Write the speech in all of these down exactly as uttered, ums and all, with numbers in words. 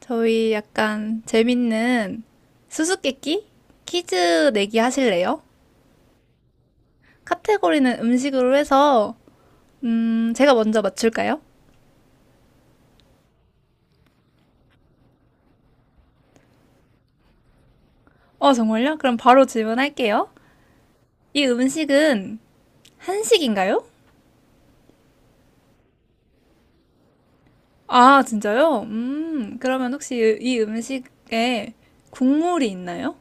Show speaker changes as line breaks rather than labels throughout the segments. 저희 약간 재밌는 수수께끼? 퀴즈 내기 하실래요? 카테고리는 음식으로 해서, 음, 제가 먼저 맞출까요? 어, 정말요? 그럼 바로 질문할게요. 이 음식은 한식인가요? 아, 진짜요? 음, 그러면 혹시 이 음식에 국물이 있나요?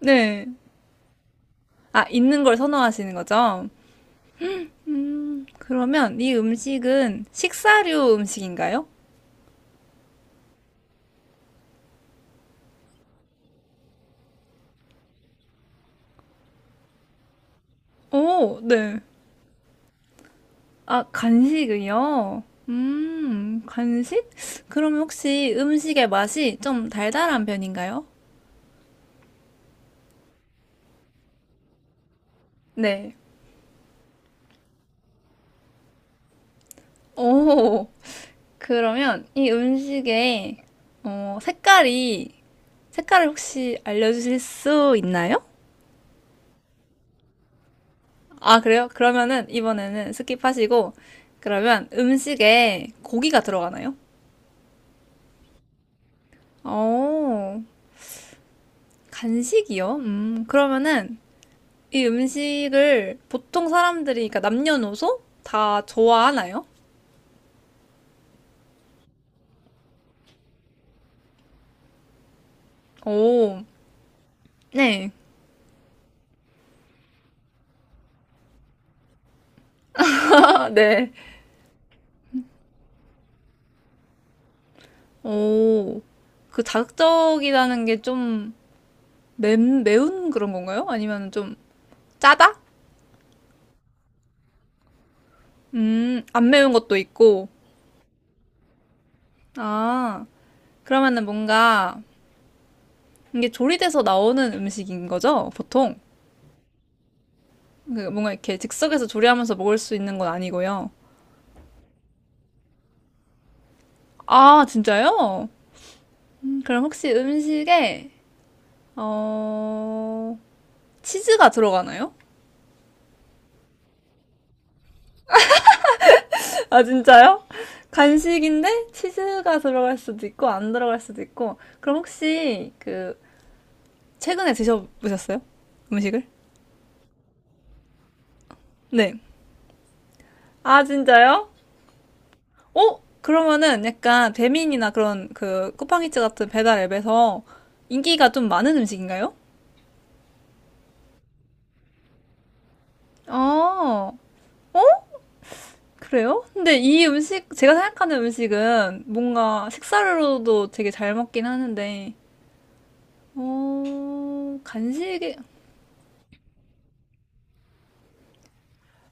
네. 아, 있는 걸 선호하시는 거죠? 그러면 이 음식은 식사류 음식인가요? 오, 네. 아, 간식이요? 음, 간식? 그럼 혹시 음식의 맛이 좀 달달한 편인가요? 네. 오, 그러면 이 음식의 어, 색깔이, 색깔을 혹시 알려주실 수 있나요? 아, 그래요? 그러면은 이번에는 스킵하시고, 그러면 음식에 고기가 들어가나요? 오, 간식이요? 음, 그러면은 이 음식을 보통 사람들이, 그러니까 남녀노소 다 좋아하나요? 오, 네. 아, 네. 오, 그 자극적이라는 게 좀 매운 그런 건가요? 아니면 좀 짜다? 음, 안 매운 것도 있고. 아, 그러면은 뭔가 이게 조리돼서 나오는 음식인 거죠? 보통? 그 뭔가 이렇게 즉석에서 조리하면서 먹을 수 있는 건 아니고요. 아, 진짜요? 음, 그럼 혹시 음식에, 어, 치즈가 들어가나요? 아, 진짜요? 간식인데 치즈가 들어갈 수도 있고 안 들어갈 수도 있고. 그럼 혹시 그 최근에 드셔보셨어요? 음식을? 네. 아, 진짜요? 어? 그러면은 약간 배민이나 그런 그 쿠팡이츠 같은 배달 앱에서 인기가 좀 많은 음식인가요? 아, 그래요? 근데 이 음식, 제가 생각하는 음식은 뭔가 식사로도 되게 잘 먹긴 하는데, 어, 간식,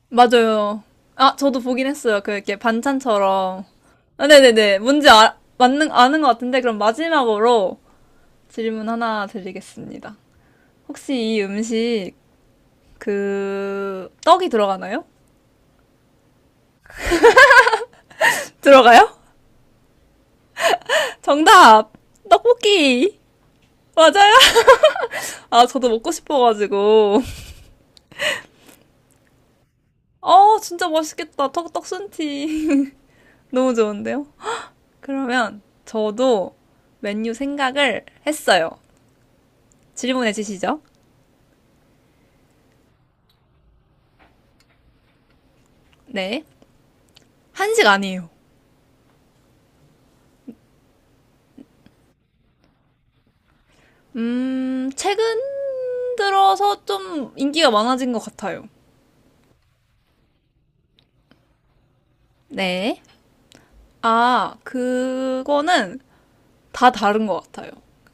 맞아요. 아, 저도 보긴 했어요. 그 이렇게 반찬처럼. 아, 네네네. 뭔지 아, 맞는, 아는 것 같은데, 그럼 마지막으로 질문 하나 드리겠습니다. 혹시 이 음식, 그, 떡이 들어가나요? 들어가요? 정답! 떡볶이! 맞아요? 아, 저도 먹고 싶어가지고. 어, 진짜 맛있겠다. 떡, 떡순티. 너무 좋은데요? 그러면 저도 메뉴 생각을 했어요. 질문해 주시죠. 네. 한식 아니에요. 음, 최근 들어서 좀 인기가 많아진 것 같아요. 네. 아, 그거는 다 다른 것 같아요.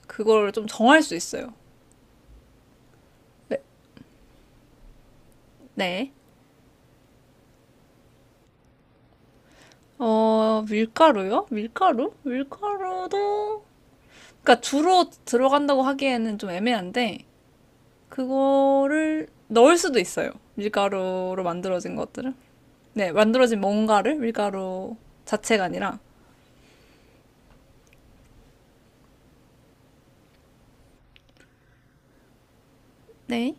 그거를 좀 정할 수 있어요. 네. 어, 밀가루요? 밀가루? 밀가루도, 그러니까 주로 들어간다고 하기에는 좀 애매한데, 그거를 넣을 수도 있어요. 밀가루로 만들어진 것들을. 네, 만들어진 뭔가를 밀가루 자체가 아니라. 네.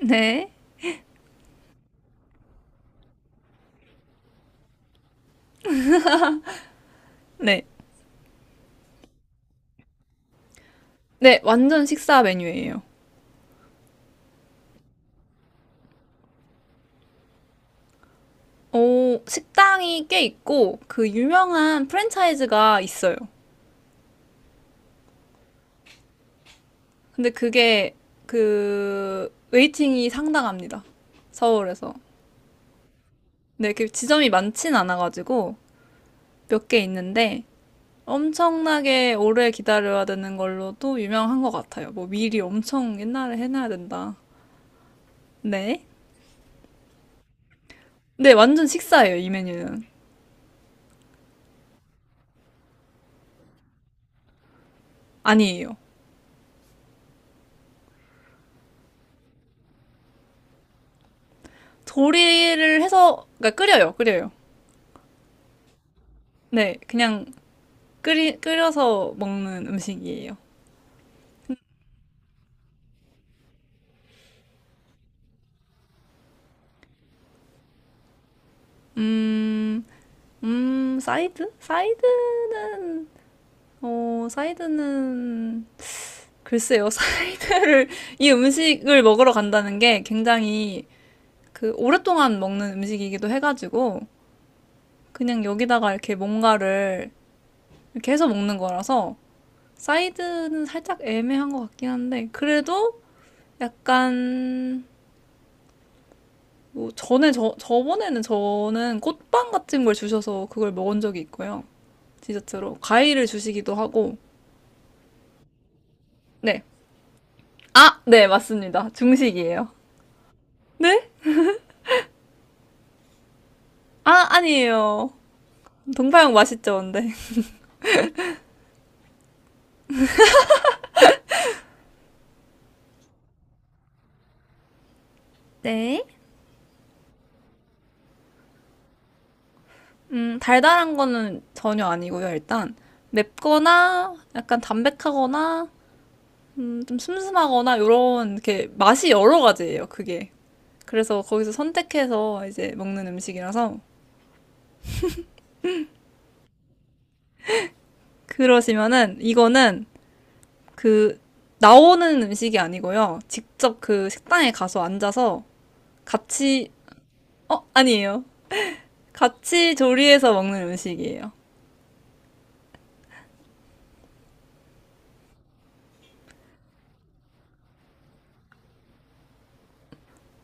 네, 네. 네, 완전 식사 메뉴예요. 어, 식당이 꽤 있고, 그 유명한 프랜차이즈가 있어요. 근데 그게, 그, 웨이팅이 상당합니다. 서울에서. 네, 그 지점이 많진 않아가지고, 몇 개 있는데, 엄청나게 오래 기다려야 되는 걸로도 유명한 것 같아요. 뭐, 미리 엄청 옛날에 해놔야 된다. 네. 네, 완전 식사예요, 이 메뉴는. 아니에요. 조리를 해서, 그러니까 끓여요, 끓여요. 네, 그냥 끓이, 끓여서 먹는 음식이에요. 음, 음, 사이드? 사이드는, 어, 사이드는, 글쎄요, 사이드를, 이 음식을 먹으러 간다는 게 굉장히 그 오랫동안 먹는 음식이기도 해가지고, 그냥 여기다가 이렇게 뭔가를 이렇게 해서 먹는 거라서, 사이드는 살짝 애매한 것 같긴 한데, 그래도 약간, 뭐 전에 저 저번에는 저는 꽃빵 같은 걸 주셔서 그걸 먹은 적이 있고요. 디저트로 과일을 주시기도 하고. 네. 아, 네, 맞습니다. 중식이에요. 네? 아, 아니에요. 동파육 맛있죠, 근데. 네. 음, 달달한 거는 전혀 아니고요, 일단. 맵거나 약간 담백하거나 음, 좀 슴슴하거나 요런 이렇게 맛이 여러 가지예요, 그게. 그래서 거기서 선택해서 이제 먹는 음식이라서 그러시면은 이거는 그 나오는 음식이 아니고요. 직접 그 식당에 가서 앉아서 같이 어, 아니에요. 같이 조리해서 먹는 음식이에요.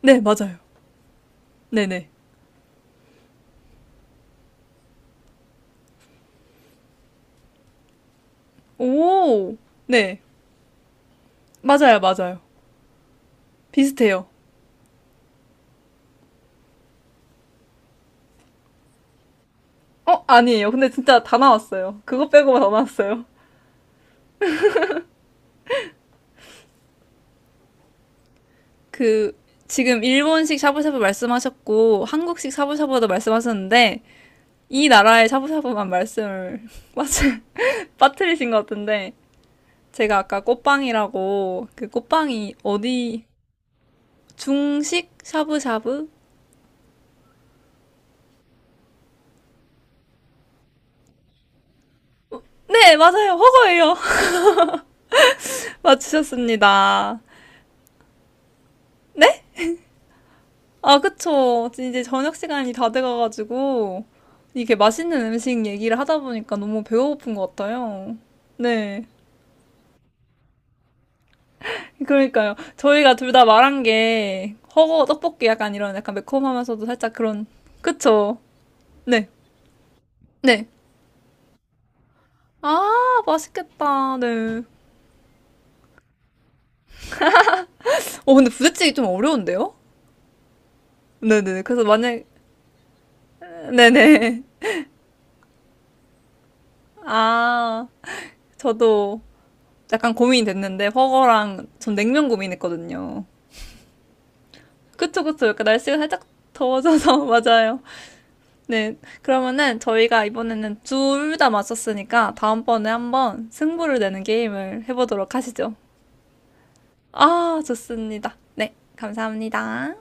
네, 맞아요. 네네. 오, 네. 맞아요, 맞아요. 비슷해요. 어, 아니에요. 근데 진짜 다 나왔어요. 그거 빼고 다 나왔어요. 그, 지금 일본식 샤브샤브 말씀하셨고, 한국식 샤브샤브도 말씀하셨는데, 이 나라의 샤브샤브만 말씀을 빠트, 빠뜨리신 것 같은데, 제가 아까 꽃빵이라고 그 꽃빵이 어디 중식 샤브샤브? 네, 맞아요. 허거예요. 맞추셨습니다. 아, 그쵸. 이제 저녁 시간이 다 돼가가지고 이게 맛있는 음식 얘기를 하다 보니까 너무 배가 고픈 것 같아요. 네. 그러니까요. 저희가 둘 다 말한 게 허거 떡볶이 약간 이런 약간 매콤하면서도 살짝 그런 그쵸. 네. 네. 아, 맛있겠다. 네. 어, 근데 부대찌개 좀 어려운데요? 네네. 그래서 만약, 네네. 아, 저도 약간 고민이 됐는데, 버거랑 전 냉면 고민했거든요. 그쵸, 그쵸. 약간 날씨가 살짝 더워져서, 맞아요. 네. 그러면은 저희가 이번에는 둘 다 맞췄으니까, 다음번에 한번 승부를 내는 게임을 해보도록 하시죠. 아, 좋습니다. 네. 감사합니다.